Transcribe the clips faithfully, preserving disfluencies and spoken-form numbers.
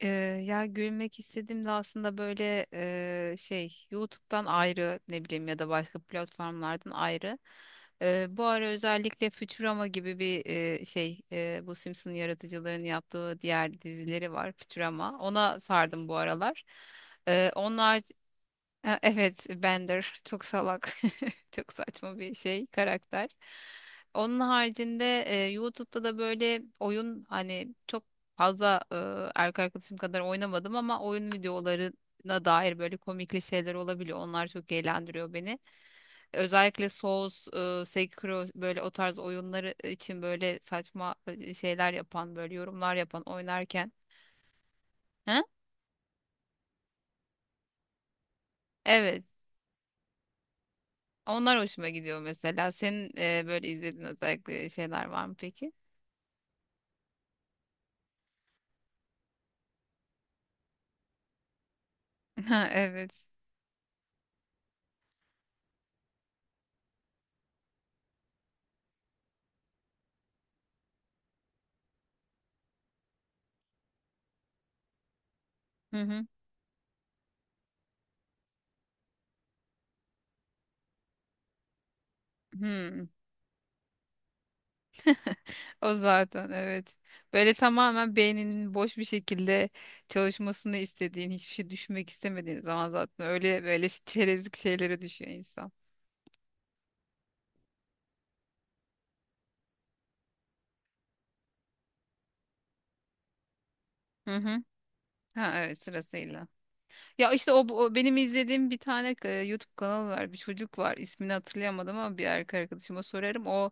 Ee, Ya gülmek istediğimde aslında böyle e, şey YouTube'dan ayrı, ne bileyim, ya da başka platformlardan ayrı. Ee, bu ara özellikle Futurama gibi bir e, şey, e, bu Simpson yaratıcıların yaptığı diğer dizileri var, Futurama. Ona sardım bu aralar. Ee, onlar Ha, evet, Bender çok salak, çok saçma bir şey, karakter. Onun haricinde e, YouTube'da da böyle oyun, hani çok fazla e, erkek arkadaşım kadar oynamadım ama oyun videolarına dair böyle komikli şeyler olabiliyor. Onlar çok eğlendiriyor beni. Özellikle Souls, e, Sekiro, böyle o tarz oyunları için böyle saçma e, şeyler yapan, böyle yorumlar yapan oynarken. Ha? Evet. Onlar hoşuma gidiyor mesela. Senin e, böyle izlediğin özellikle şeyler var mı peki? Ha, evet. Hı hı. Hmm. O zaten evet. Böyle tamamen beyninin boş bir şekilde çalışmasını istediğin, hiçbir şey düşünmek istemediğin zaman zaten öyle böyle çerezlik şeylere düşüyor insan. Hı hı. Ha, evet, sırasıyla. Ya işte, o, o benim izlediğim bir tane e, YouTube kanalı var. Bir çocuk var. İsmini hatırlayamadım ama bir erkek arkadaşıma sorarım. O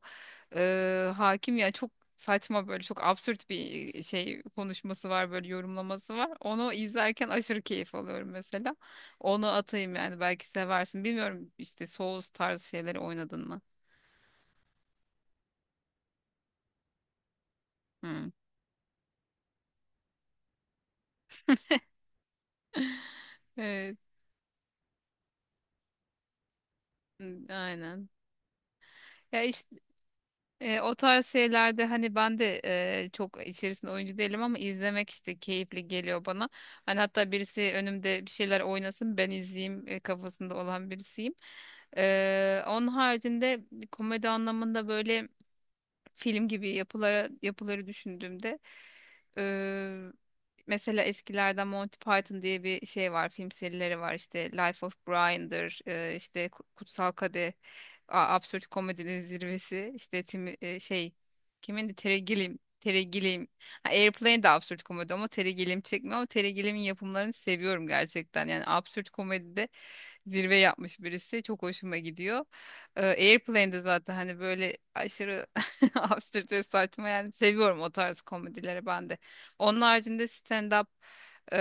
e, hakim ya, çok saçma, böyle çok absürt bir şey, konuşması var, böyle yorumlaması var. Onu izlerken aşırı keyif alıyorum mesela. Onu atayım, yani belki seversin. Bilmiyorum, işte Souls tarzı şeyleri oynadın mı? Hı. Evet. Hı, aynen. Ya işte, E, o tarz şeylerde hani ben de e, çok içerisinde oyuncu değilim ama izlemek işte keyifli geliyor bana. Hani hatta birisi önümde bir şeyler oynasın, ben izleyeyim e, kafasında olan birisiyim. E, onun haricinde komedi anlamında böyle film gibi yapılara yapıları düşündüğümde, eee, mesela eskilerden Monty Python diye bir şey var, film serileri var, işte Life of Brian'dır, eee, işte Kutsal Kadeh, a- absürt komedinin zirvesi. İşte Tim, e, şey kimin, Terry Gilliam, Terry Gilliam, ha, Airplane de absürt komedi ama Terry Gilliam çekmiyor. Ama Terry Gilliam'in yapımlarını seviyorum gerçekten, yani absürt komedide zirve yapmış birisi, çok hoşuma gidiyor. Ee, Airplane'de zaten hani böyle aşırı absürt, saçma, yani seviyorum o tarz komedileri ben de. Onun haricinde stand-up e,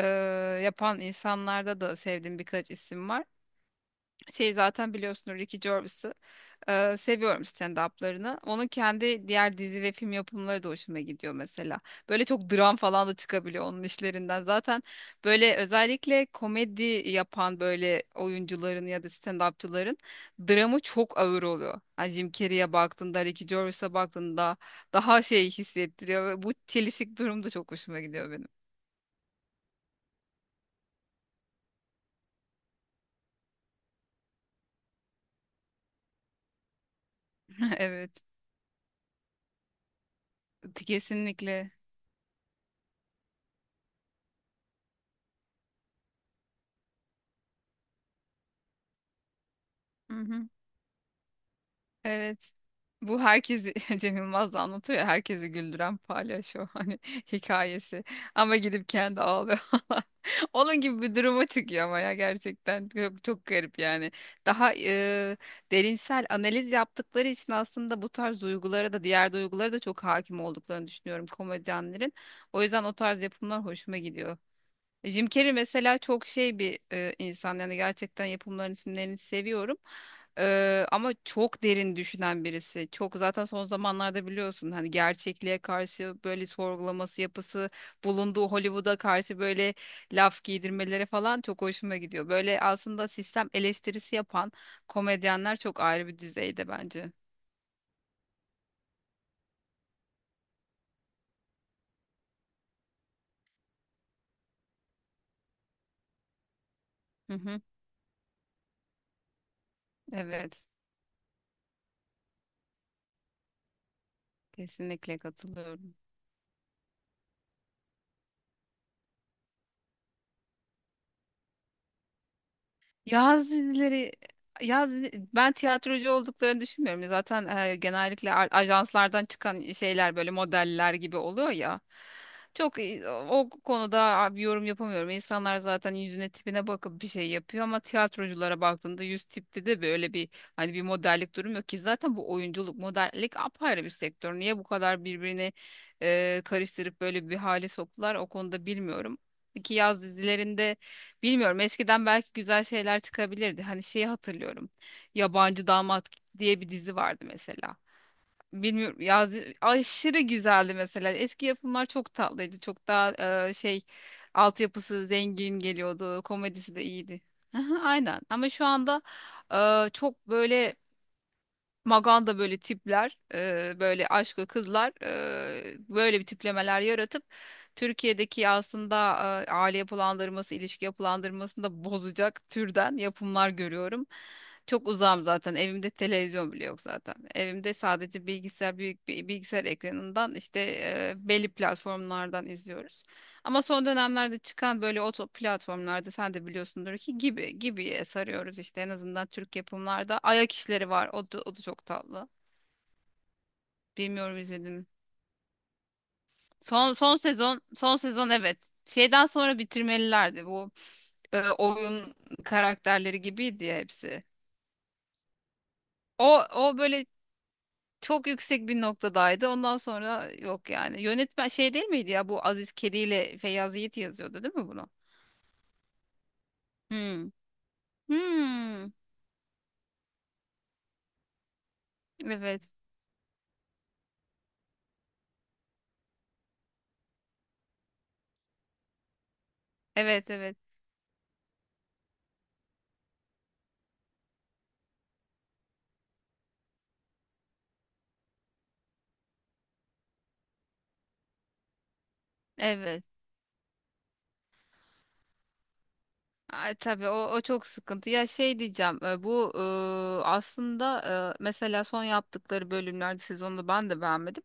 yapan insanlarda da sevdiğim birkaç isim var. Şey, zaten biliyorsunuz, Ricky Gervais'ı. Ee, seviyorum stand-up'larını. Onun kendi diğer dizi ve film yapımları da hoşuma gidiyor mesela. Böyle çok dram falan da çıkabiliyor onun işlerinden. Zaten böyle özellikle komedi yapan böyle oyuncuların ya da stand-upçıların dramı çok ağır oluyor. Hani Jim Carrey'e baktığında, Ricky Gervais'e baktığında daha şey hissettiriyor, ve bu çelişik durum da çok hoşuma gidiyor benim. Evet, kesinlikle. Hı hı. Evet. Bu herkesi Cem Yılmaz da anlatıyor ya, herkesi güldüren palyaço hani hikayesi. Ama gidip kendi ağlıyor. Onun gibi bir duruma çıkıyor ama ya gerçekten çok, çok garip yani. Daha e, derinsel analiz yaptıkları için aslında bu tarz duygulara da, diğer duygulara da çok hakim olduklarını düşünüyorum komedyenlerin. O yüzden o tarz yapımlar hoşuma gidiyor. E, Jim Carrey mesela çok şey bir e, insan, yani gerçekten yapımların isimlerini seviyorum. Eee, ama çok derin düşünen birisi. Çok, zaten son zamanlarda biliyorsun hani, gerçekliğe karşı böyle sorgulaması, yapısı, bulunduğu Hollywood'a karşı böyle laf giydirmeleri falan çok hoşuma gidiyor. Böyle aslında sistem eleştirisi yapan komedyenler çok ayrı bir düzeyde bence. Hı hı. Evet, kesinlikle katılıyorum. Yaz dizileri, yaz dizi- ben tiyatrocu olduklarını düşünmüyorum. Zaten e, genellikle a- ajanslardan çıkan şeyler böyle modeller gibi oluyor ya. Çok, e, o konuda bir yorum yapamıyorum. İnsanlar zaten yüzüne, tipine bakıp bir şey yapıyor, ama tiyatroculara baktığında yüz tipte de böyle bir, hani, bir modellik durum yok ki. Zaten bu oyunculuk, modellik apayrı bir sektör. Niye bu kadar birbirini e, karıştırıp böyle bir hale soktular, o konuda bilmiyorum. Ki yaz dizilerinde, bilmiyorum, eskiden belki güzel şeyler çıkabilirdi. Hani şeyi hatırlıyorum, Yabancı Damat diye bir dizi vardı mesela. Bilmiyorum ya, zi- aşırı güzeldi mesela. Eski yapımlar çok tatlıydı. Çok daha e, şey, altyapısı zengin geliyordu. Komedisi de iyiydi. Aha, aynen, ama şu anda e, çok böyle maganda böyle tipler, e, böyle aşkı kızlar, e, böyle bir tiplemeler yaratıp Türkiye'deki aslında e, aile yapılandırması, ilişki yapılandırmasını da bozacak türden yapımlar görüyorum. Çok uzağım zaten. Evimde televizyon bile yok zaten. Evimde sadece bilgisayar, büyük bir bilgisayar ekranından işte e, belli platformlardan izliyoruz. Ama son dönemlerde çıkan böyle oto platformlarda, sen de biliyorsundur ki, gibi gibiye sarıyoruz işte, en azından Türk yapımlarda. Ayak işleri var. O da, o da çok tatlı. Bilmiyorum, izledim. Son son sezon son sezon evet. Şeyden sonra bitirmelilerdi, bu e, oyun karakterleri gibiydi ya hepsi. O o böyle çok yüksek bir noktadaydı. Ondan sonra yok yani. Yönetmen şey değil miydi ya, bu Aziz Kedi ile Feyyaz Yiğit yazıyordu, değil mi bunu? Hmm. Hmm. Evet. Evet, evet. Evet. Ay, tabii, o, o çok sıkıntı. Ya şey diyeceğim, e, bu e, aslında, e, mesela son yaptıkları bölümlerde, sezonda ben de beğenmedim.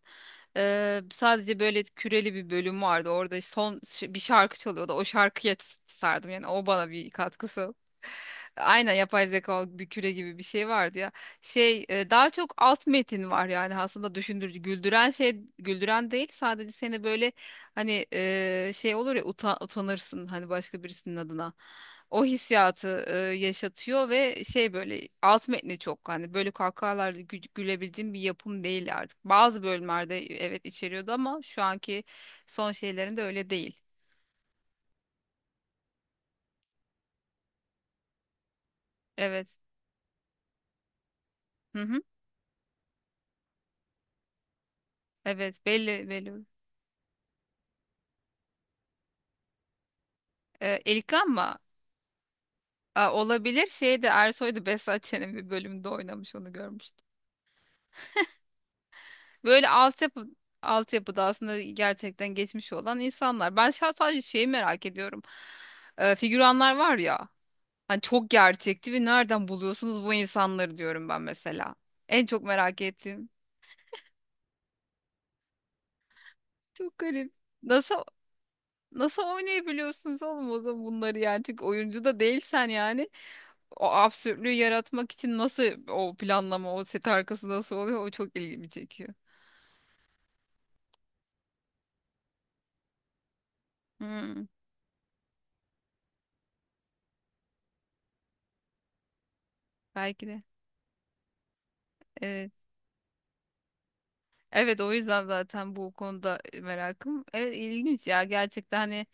E, sadece böyle küreli bir bölüm vardı. Orada son ş- bir şarkı çalıyordu. O şarkıya s- sardım. Yani o bana bir katkısı. Aynen, yapay zeka bir küre gibi bir şey vardı ya. Şey, e, daha çok alt metin var yani, aslında düşündürücü, güldüren, şey güldüren değil, sadece seni böyle, hani e, şey olur ya, uta- utanırsın hani başka birisinin adına, o hissiyatı e, yaşatıyor. Ve şey, böyle alt metni çok, hani böyle kahkahalarla gü gülebildiğim bir yapım değil artık. Bazı bölümlerde evet içeriyordu, ama şu anki son şeylerinde öyle değil. Evet. Hı hı. Evet, belli, belli. E, Elikan mı? Aa, olabilir. Şeyde, Ersoy'da, Behzat Ç'nin bir bölümünde oynamış, onu görmüştüm. Böyle altyapı altyapıda aslında gerçekten geçmiş olan insanlar. Ben şahsen sadece şeyi merak ediyorum. Ee, figüranlar var ya. Hani çok gerçekti, ve nereden buluyorsunuz bu insanları diyorum ben mesela. En çok merak ettiğim. Çok garip. Nasıl nasıl oynayabiliyorsunuz oğlum o zaman bunları yani? Çünkü oyuncu da değilsen yani, o absürtlüğü yaratmak için nasıl, o planlama, o set arkası nasıl oluyor, o çok ilgimi çekiyor. Hmm, belki de. Evet. Evet, o yüzden zaten bu konuda e, merakım. Evet, ilginç ya gerçekten, hani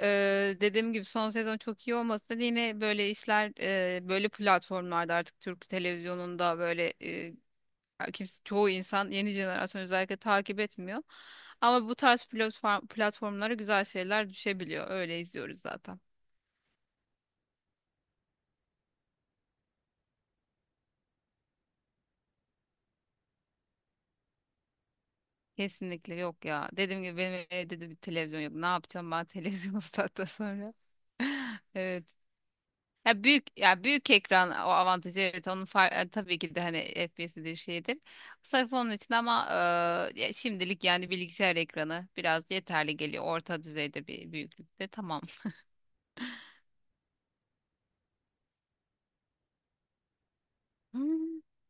e, dediğim gibi son sezon çok iyi olmasa da, yine böyle işler e, böyle platformlarda, artık Türk televizyonunda böyle e, kimse, çoğu insan, yeni jenerasyon özellikle takip etmiyor. Ama bu tarz platform, platformlara güzel şeyler düşebiliyor. Öyle izliyoruz zaten. Kesinlikle yok ya. Dediğim gibi benim evde de bir televizyon yok. Ne yapacağım ben televizyonu saatten sonra? Evet. Ya büyük ya büyük ekran, o avantajı, evet, onun far, e, tabii ki de, hani F P S'dir, şeydir. Bu Sırf onun için ama, e, ya şimdilik yani bilgisayar ekranı biraz yeterli geliyor. Orta düzeyde bir büyüklükte, tamam.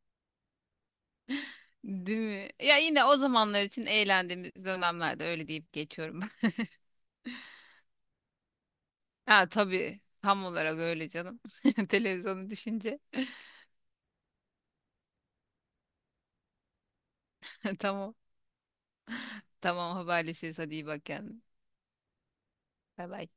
Değil mi? Ya yine o zamanlar için, eğlendiğimiz dönemlerde öyle deyip geçiyorum ben. Ha, tabii, tam olarak öyle canım. Televizyonu düşünce. Tamam. Tamam, haberleşiriz, hadi, iyi bak kendine. Bay bay.